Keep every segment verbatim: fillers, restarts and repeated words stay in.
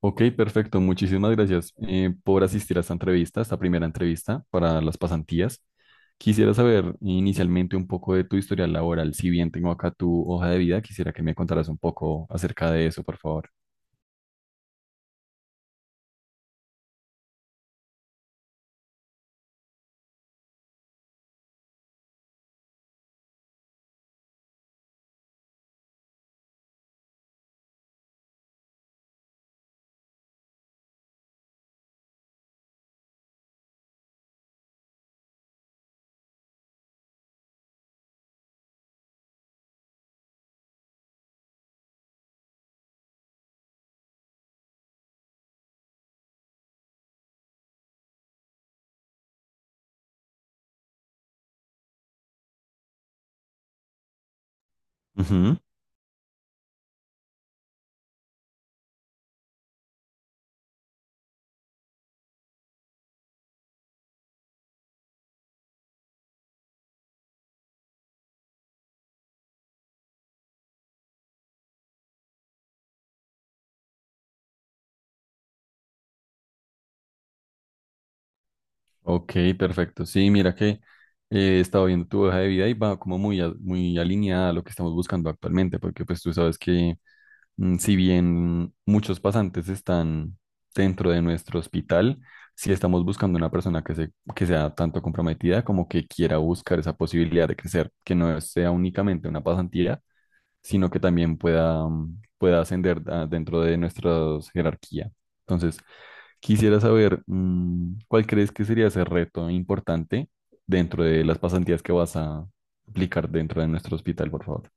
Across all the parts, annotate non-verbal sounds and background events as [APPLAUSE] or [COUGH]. Ok, perfecto. Muchísimas gracias eh, por asistir a esta entrevista, esta primera entrevista para las pasantías. Quisiera saber inicialmente un poco de tu historial laboral. Si bien tengo acá tu hoja de vida, quisiera que me contaras un poco acerca de eso, por favor. Ujú. Ok, perfecto. Sí, mira que eh, estaba viendo tu hoja de vida y va como muy, a- muy alineada a lo que estamos buscando actualmente, porque pues tú sabes que, Mm, si bien muchos pasantes están dentro de nuestro hospital, sí estamos buscando una persona que, se, que sea tanto comprometida como que quiera buscar esa posibilidad de crecer, que no sea únicamente una pasantía, sino que también pueda, mm, pueda ascender a- dentro de nuestra jerarquía. Entonces, quisiera saber, mm, ¿cuál crees que sería ese reto importante dentro de las pasantías que vas a aplicar dentro de nuestro hospital, por favor?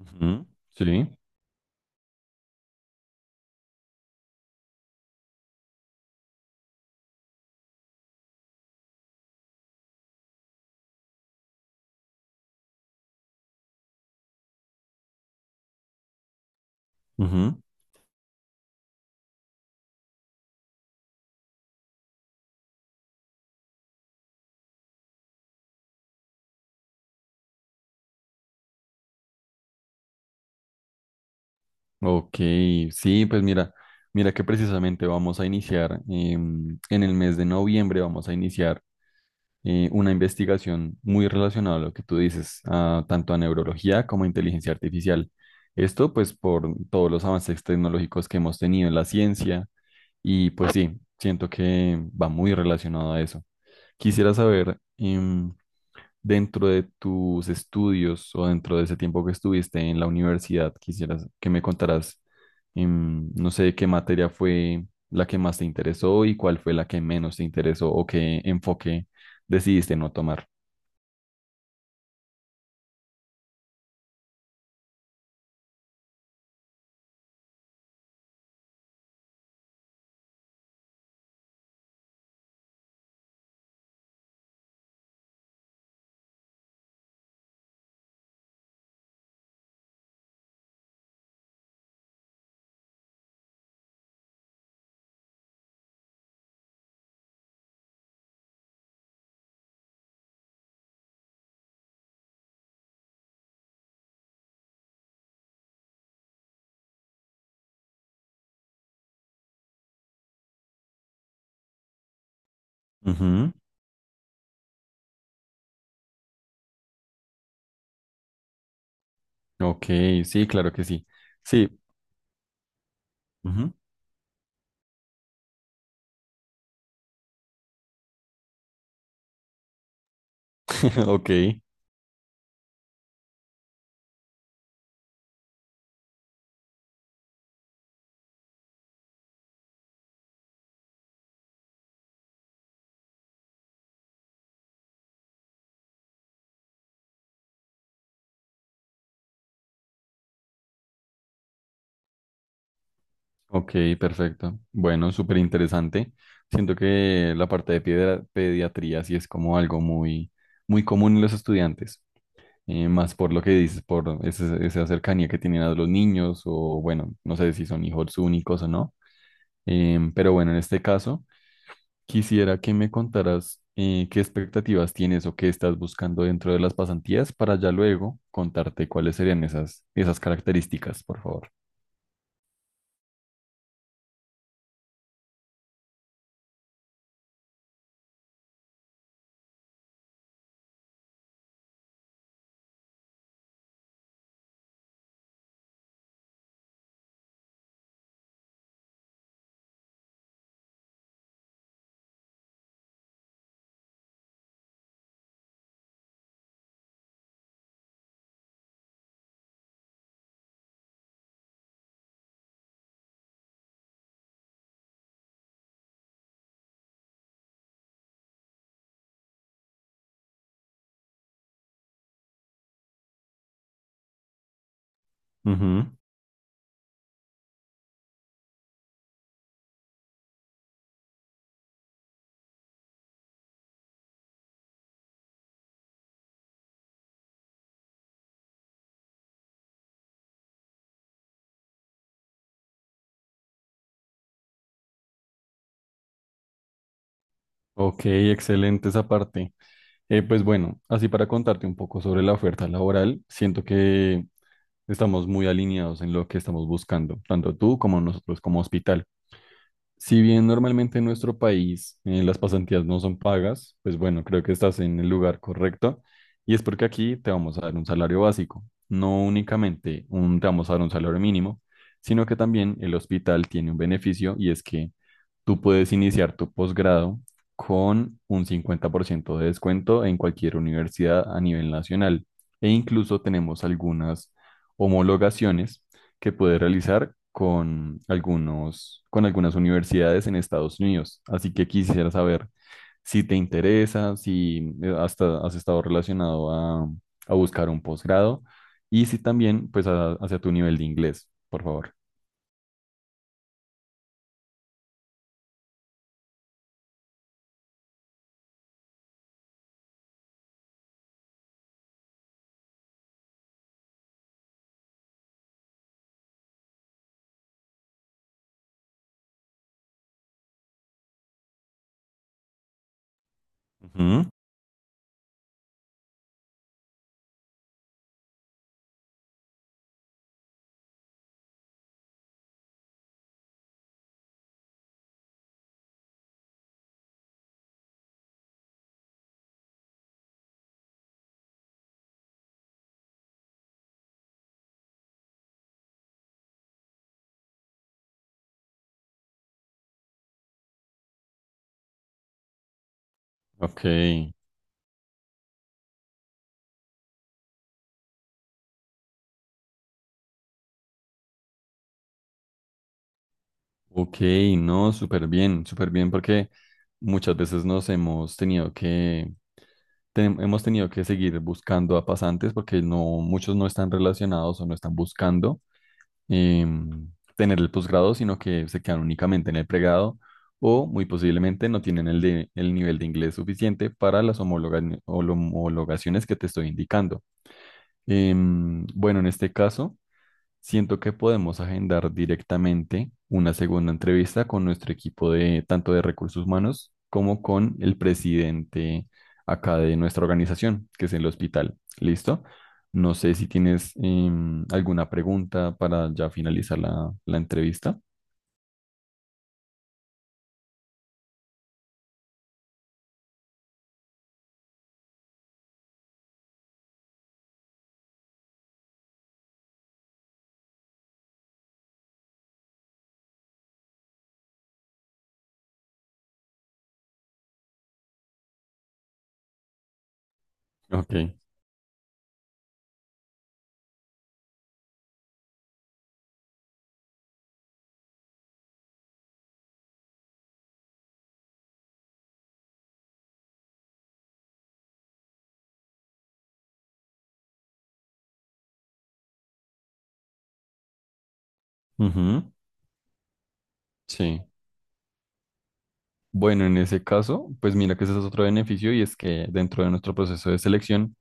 Ujú, sí. Ok, sí, pues mira, mira que precisamente vamos a iniciar em, en el mes de noviembre, vamos a iniciar eh, una investigación muy relacionada a lo que tú dices, a- tanto a neurología como a inteligencia artificial. Esto pues por todos los avances tecnológicos que hemos tenido en la ciencia y pues sí, siento que va muy relacionado a eso. Quisiera saber, em, dentro de tus estudios o dentro de ese tiempo que estuviste en la universidad, quisieras que me contaras, em, no sé, qué materia fue la que más te interesó y cuál fue la que menos te interesó o qué enfoque decidiste no tomar. Ujú. Ok, sí, claro que sí. Sí, ujú. [LAUGHS] Ok, ok, perfecto. Bueno, súper interesante. Siento que la parte de piedra- pediatría sí es como algo muy, muy común en los estudiantes. Eh, más por lo que dices, por ese- esa cercanía que tienen a los niños o bueno, no sé si son hijos únicos o no. Em, pero bueno, en este caso, quisiera que me contaras eh, qué expectativas tienes o qué estás buscando dentro de las pasantías para ya luego contarte cuáles serían esas, esas características, por favor. Ujú. Ok, excelente esa parte. Eh, pues bueno, así para contarte un poco sobre la oferta laboral, siento que estamos muy alineados en lo que estamos buscando, tanto tú como nosotros como hospital. Si bien normalmente en nuestro país eh, las pasantías no son pagas, pues bueno, creo que estás en el lugar correcto y es porque aquí te vamos a dar un salario básico, no únicamente un, te vamos a dar un salario mínimo, sino que también el hospital tiene un beneficio y es que tú puedes iniciar tu posgrado con un cincuenta por ciento de descuento en cualquier universidad a nivel nacional e incluso tenemos algunas homologaciones que puede realizar con algunos, con algunas universidades en Estados Unidos. Así que quisiera saber si te interesa, si eh, hasta has estado relacionado a, a buscar un posgrado y si también, pues, a- hacia tu nivel de inglés, por favor. Ujú. Ok, ok, no, súper bien, súper bien, porque muchas veces nos hemos tenido que, te- hemos tenido que seguir buscando a pasantes porque no, muchos no están relacionados o no están buscando eh, tener el posgrado, sino que se quedan únicamente en el pregrado o muy posiblemente no tienen el, de- el nivel de inglés suficiente para las homologa- homologaciones que te estoy indicando. Em, bueno, en este caso... Siento que podemos agendar directamente una segunda entrevista con nuestro equipo de tanto de recursos humanos como con el presidente acá de nuestra organización, que es el hospital. ¿Listo? No sé si tienes em, alguna pregunta para ya finalizar la, la entrevista. Ok. Ujú, sí. Bueno, en ese caso, pues mira que ese es otro beneficio y es que dentro de nuestro proceso de selección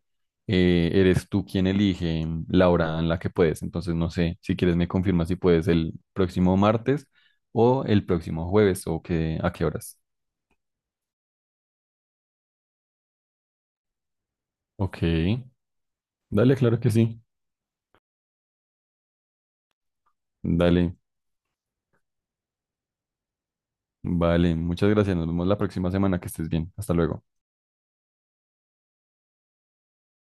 eh, eres tú quien elige la hora en la que puedes. Entonces, no sé, si quieres me confirmas si puedes el próximo martes o el próximo jueves o qué a qué horas. Ok, dale, claro que sí. Dale, vale, muchas gracias. Nos vemos la próxima semana, que estés bien. Hasta luego.